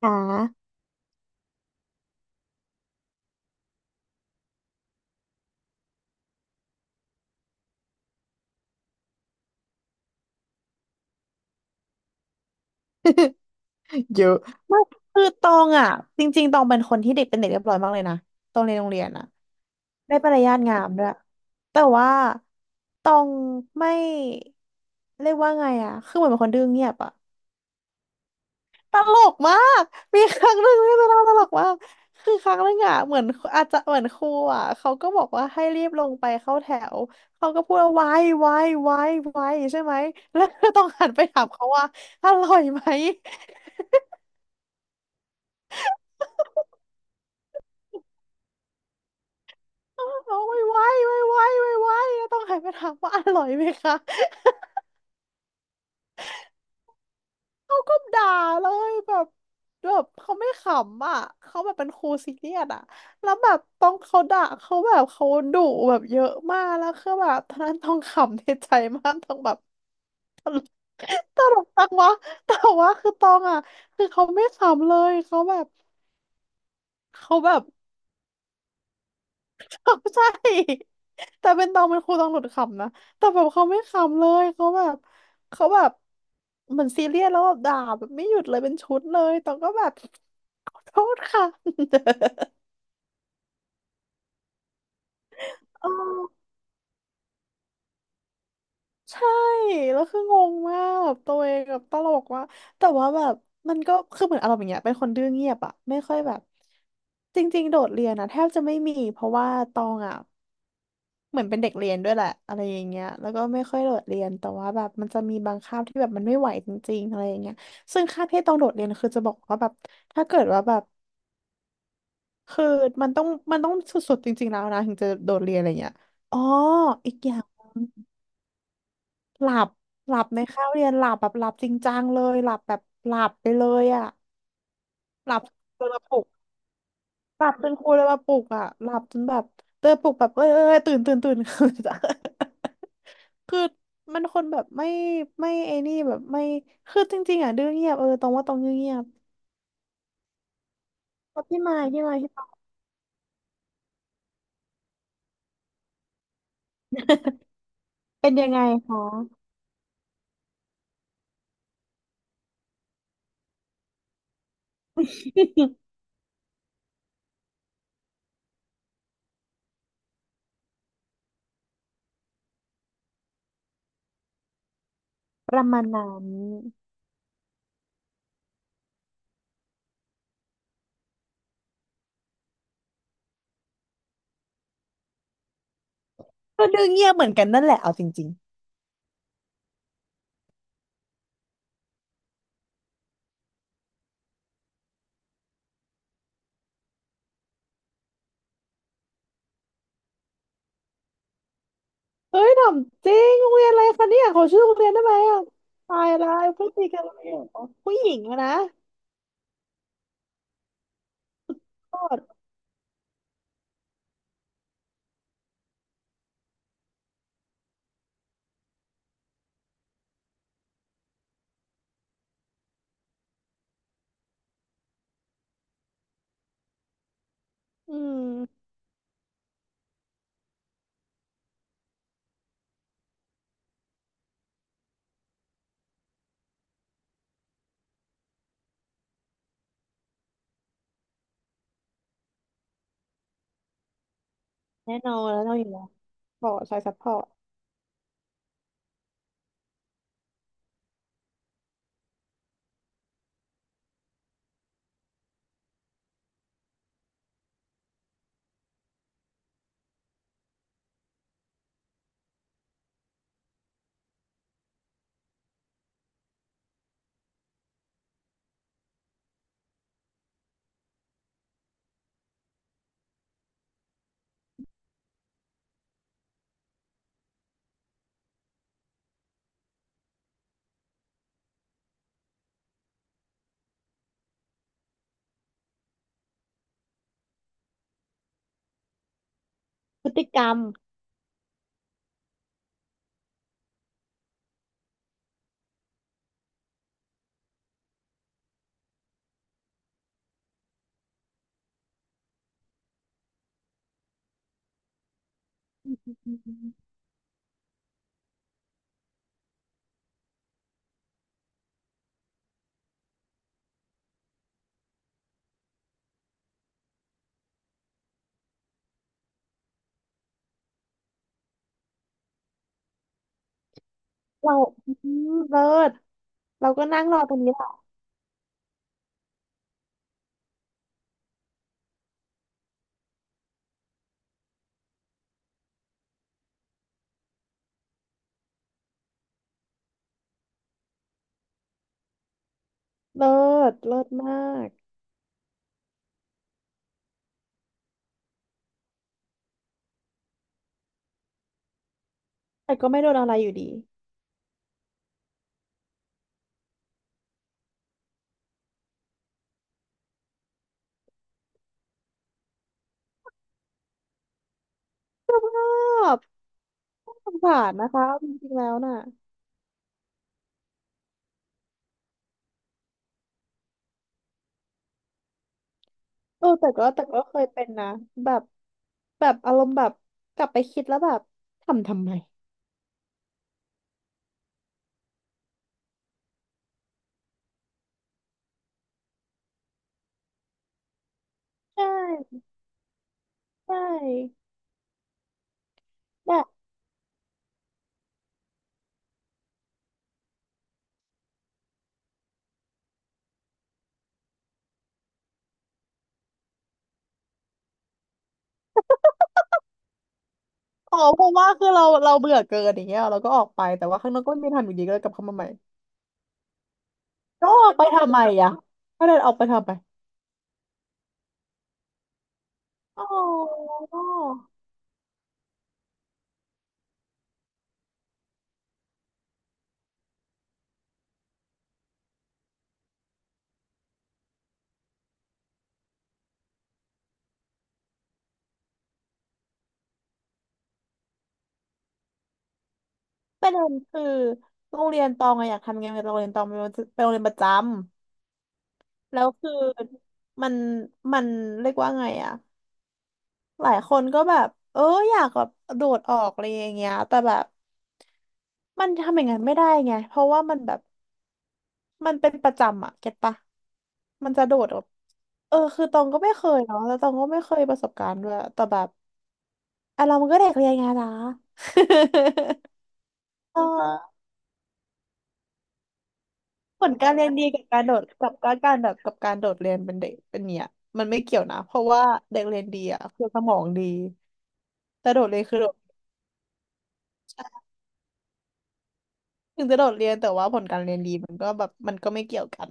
ค่ะเยอะคือตองอ่ะจริงๆตองเป็นคนที่เด็กเป็นเด็กเรียบร้อยมากเลยนะตองเรียนโรงเรียนอ่ะได้ปริญญาตงามด้วยแต่ว่าตองไม่เรียกว่าไงอ่ะคือเหมือนเป็นคนดื้อเงียบอ่ะตลกมากมีครั้งหนึ่งที่จะเล่าตลกมากคือครั้งหนึ่งอ่ะเหมือนอาจจะเหมือนครูอ่ะเขาก็บอกว่าให้รีบลงไปเข้าแถวเขาก็พูดว่าไว้ไว้ไว้ไว้ใช่ไหมแล้ว ก็ต้องหันไปถามเขาว่าอร่อยไหม เอาไว้ไว้ไว้ไว้ไว้ไว้แล้วต้องหันไปถามว่าอร่อยไหมคะเขาก็ด่าเลยแบบแบบเขาไม่ขำอ่ะเขาแบบเป็นครูซีเรียสอ่ะแล้วแบบต้องเขาด่าเขาแบบเขาดุแบบเยอะมากแล้วคือแบบตอนนั้นต้องขำในใจมากต้องแบบ ตลกจังวะแต่ว่าคือตองอ่ะคือเขาไม่ขำเลยเขาแบบ ใช่แต่เป็นตองเป็นครูตองหลุดขำนะแต่แบบเขาไม่ขำเลยเขาแบบเหมือนซีเรียสแล้วแบบด่าแบบไม่หยุดเลยเป็นชุดเลยตองก็แบบขอโทษค่ะ เออใช่แล้วคืองงมากแบบตัวเองแบบตลกว่ากแต่ว่าแบบมันก็คือเหมือนอารมณ์อย่างเงี้ยเป็นคนดื้อเงียบอะไม่ค่อยแบบจริงๆโดดเรียนนะแทบจะไม่มีเพราะว่าตองอะ เหมือนเป็นเด็กเรียนด้วยแหละอะไรอย่างเงี้ยแล้วก็ไม่ค่อยโดดเรียนแต่ว่าแบบมันจะมีบางคาบที่แบบมันไม่ไหวจริงๆอะไรอย่างเงี้ยซึ่งคาบที่ต้องโดดเรียนคือจะบอกว่าแบบถ้าเกิดว่าแบบคือมันต้องมันต้องสุดๆจริงๆแล้วนะถึงจะโดดเรียนอะไรเงี้ยอ๋ออีกอย่างหลับหลับในคาบเรียนหลับแบบหลับจริงจังเลยหลับแบบหลับไปเลยอะหลับจนมาปลุก หลับจนครูเลยมาปลุกอ่ะหลับจนแบบเตยปลุกแบบเอ้ยเอ้ยเอ้ยตื่นตื่นตื่น คือมันคนแบบไม่ไม่ไอ้นี่แบบไม่คือจริงๆอ่ะดื้อเงียบเออตรงว่าตรงดื้อเงียบแล้วพี่มายเป็นยังไงคะ ประมาณนั้นก็ดื้อเงียบเหมือนกันนั่นแหละเอาจริงๆเฮ้ยถามจริงโรงเรียนอะไรคะเนี่ยขอชื่อโรงเรียนได้ไหมอ่ะตายละไอ้พวกตีกันอะไรอ่ะอ๋อผู้หญิงอะนะกอดอืมแน่นอนแล้วนรนอยู่แล้วบอดสายซัพพอร์ต พฤติกรรมเราอืมเลิศเราก็นั่งรอตรงนี้แหละเลิศเลิศมากแต่ก็ไม่โดนอะไรอยู่ดีชอบสงสารนะคะจริงๆแล้วน่ะเออแต่ก็แต่ก็เคยเป็นนะแบบแบบอารมณ์แบบกลับไปคิดแล้วแบบทำทำไมใช่ใช่แบบอ๋อเพราะว่าคือเราเบื่อเกินอย่างเงี้ยเราก็ออกไปแต่ว่าข้างนอกก็ไม่ทำอยู่ดีก็เลยกลับเข้ามาใหม่ก็ออกไปทำไมอ่ะก็เลยออกไปทำไมอ๋อ ประเด็นคือโรงเรียนตองอะอยากทำงานกับโรงเรียนตองเป็นเป็นโรงเรียนประจำแล้วคือมันมันเรียกว่าไงอะหลายคนก็แบบเอออยากแบบโดดออกอะไรอย่างเงี้ยแต่แบบมันทำอย่างนั้นไม่ได้ไงเพราะว่ามันแบบมันเป็นประจำอะเก็ตปะมันจะโดดออกเออคือตองก็ไม่เคยเนาะแล้วตองก็ไม่เคยประสบการณ์ด้วยแต่แบบอ่ะเรามันก็เด็กเรียนไงล่ะ เออ ผลการเรียนดีกับการโดดกับการแบบกับการโดดเรียนเป็นเด็กเป็นเนี่ยมันไม่เกี่ยวนะเพราะว่าเด็กเรียนดีอ่ะคือสมองดีแต่โดดเรียนคือโดดถึงจะโดดเรียนแต่ว่าผลการเรียนดีมันก็แบบมันก็ไม่เกี่ยวกัน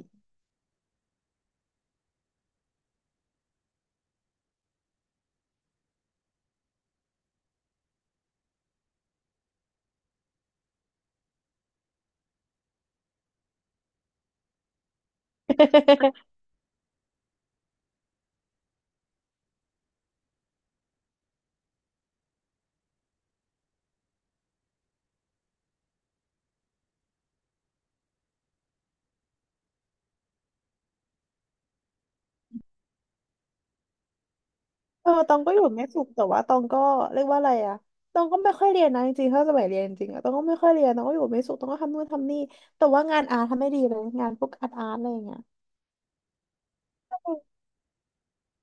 เออตองก็อยู่ไม่สุขแต่ว่าตองก็เรียกว่าอะไรอ่ะตองก็ไม่ค่อยเรียนนะจริงๆถ้าสมัยเรียนจริงอะตองก็ไม่ค่อยเรียนตองก็อยู่ไม่สุขตองก็ทำนู่นทำนี่แต่ว่างานอาร์ทำไม่ดีเลยงานพวกอาร์ตอาร์ตอะไรอย่างเงี้ย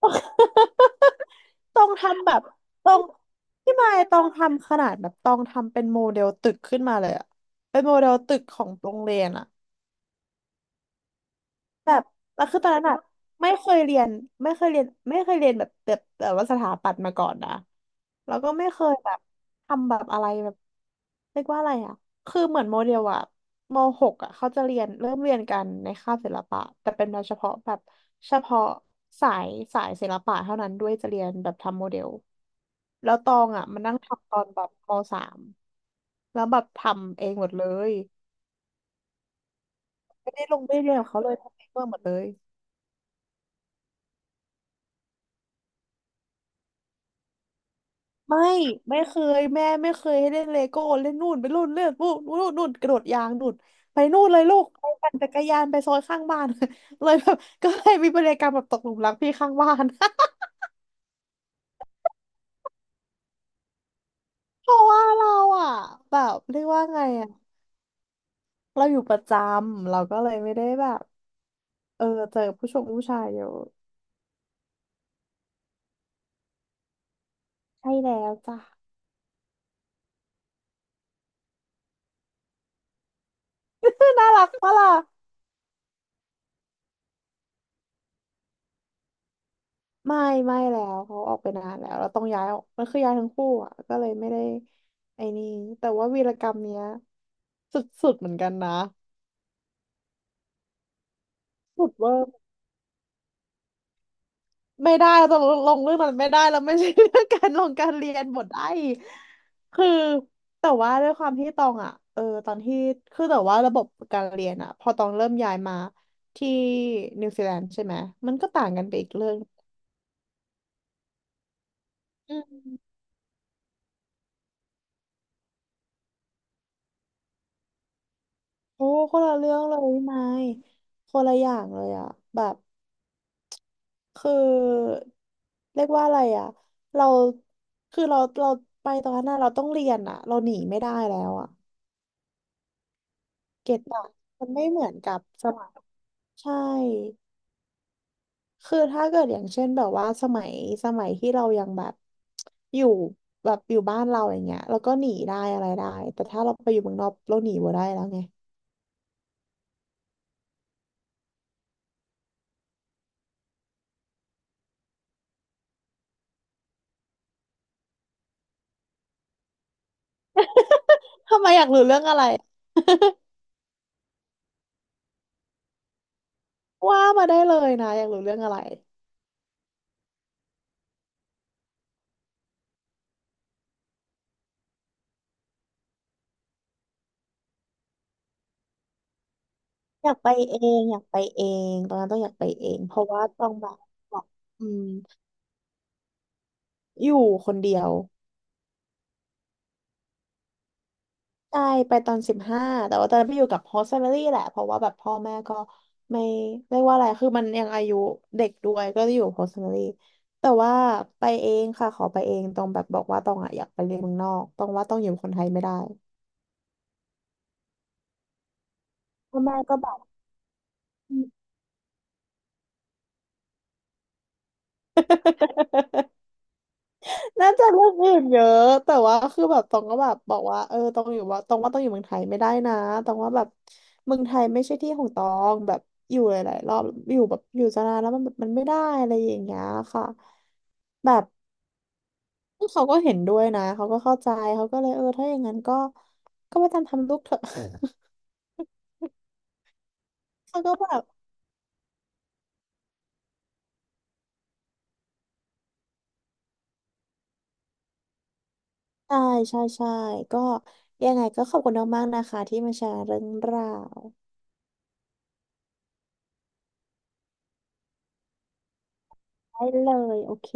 ต้องทำแบบต้องพี่มายต้องทำขนาดแบบต้องทำเป็นโมเดลตึกขึ้นมาเลยอะเป็นโมเดลตึกของโรงเรียนอะ แบบแล้วคือตอนนั้นอะไม่เคยเรียนไม่เคยเรียนไม่เคยเรียนแบบว่าสถาปัตย์มาก่อนนะแล้วก็ไม่เคยแบบทำแบบอะไรแบบเรียกว่าอะไรอะคือเหมือนโมเดลอะมหกอะเขาจะเริ่มเรียนกันในคาบศิลปะแต่เป็นเฉพาะแบบเฉพาะสายสายศิลปะเท่านั้นด้วยจะเรียนแบบทำโมเดลแล้วตองอะมันนั่งทำตอนแบบมสามแล้วแบบทำเองหมดเลยไม่ได้ลงไม่ได้เรียนกับเขาเลยทำเองหมดเลย ไม่ไม่เคยแม่ไม่เคยให้เล่นเลโก้เล่นนู่นไปนู่นเล่นนู่นกระโดดยางนู่นไปนู่นเลยลูกไปปั่นจักรยานไปซอยข้างบ้าน เลยแบบก็เลยมีพฤติกรรมแบบตกหลุมรักพี่ข้างบ้าน เพราะว่าเราอ่ะแบบเรียกว่าไงอ่ะเราอยู่ประจำเราก็เลยไม่ได้แบบเออเจอผู้ชายเยอะใช่แล้วจ้ะ น่ารักปะล่ะ ไม่ไม่แล้วเขาออกไปนานแล้วเราต้องย้ายออกมันคือย้ายทั้งคู่อ่ะก็เลยไม่ได้ไอ้นี่แต่ว่าวีรกรรมเนี้ยสุดๆเหมือนกันนะสุดเวอร์ไม่ได้เราจะลงเรื่องนั้นไม่ได้เราไม่ใช่เรื่องการลงการเรียนหมดไอ้คือแต่ว่าด้วยความที่ตองอ่ะเออตอนที่คือแต่ว่าระบบการเรียนอ่ะพอตองเริ่มย้ายมาที่นิวซีแลนด์ใช่ไหมมันก็ต่างกันไปอีกเรื่องอืมโอ้คนละเรื่องเลยนายคนละอย่างเลยอ่ะแบบ คือเรียกว่าอะไรอ่ะเราคือเราไปตอนนั้นน่ะเราต้องเรียนอ่ะเราหนีไม่ได้แล้วอ่ะเก็ตอ่ะมันไม่เหมือนกับสมัยใช่คือถ้าเกิดอย่างเช่นแบบว่าสมัยที่เรายังแบบอยู่แบบอยู่บ้านเราอย่างเงี้ยเราก็หนีได้อะไรได้แต่ถ้าเราไปอยู่เมืองนอกเราหนีบ่ได้แล้วไงทำไมอยากรู้เรื่องอะไร ว่ามาได้เลยนะอยากรู้เรื่องอะไร อยากไปเองตอนนั้นต้องอยากไปเองเพราะว่าต้องแบบบอกอืมอยู่คนเดียวใช่ไปตอน15แต่ว่าตอนนั้นไปอยู่กับโฮสต์แมลี่แหละเพราะว่าแบบพ่อแม่ก็ไม่เรียกว่าอะไรคือมันยังอายุเด็กด้วยก็อยู่โฮสต์แลี่แต่ว่าไปเองค่ะขอไปเองต้องแบบบอกว่าต้องอะอยากไปเรียนเมืองนอกต้องว่าต้องอยู่คนไทยไม่ได้พ่อแม่ก็แบบ น่าจะเรื่องอื่นเยอะแต่ว่าคือแบบตองก็แบบบอกว่าเออตองอยู่ว่าตองว่าตองอยู่เมืองไทยไม่ได้นะตองว่าแบบเมืองไทยไม่ใช่ที่ของตองแบบอยู่หลายๆรอบอยู่แบบอยู่จะนานแล้วมันแบบมันไม่ได้อะไรอย่างเงี้ยค่ะแบบเขาก็เห็นด้วยนะเขาก็เข้าใจเขาก็เลยเออถ้าอย่างนั้นก็ไปตามทำลูกเถอะ เขาก็แบบใช่ใช่ใช่ก็ยังไงก็ขอบคุณมากๆนะคะที่มาแชร์เรื่องราวได้เลยโอเค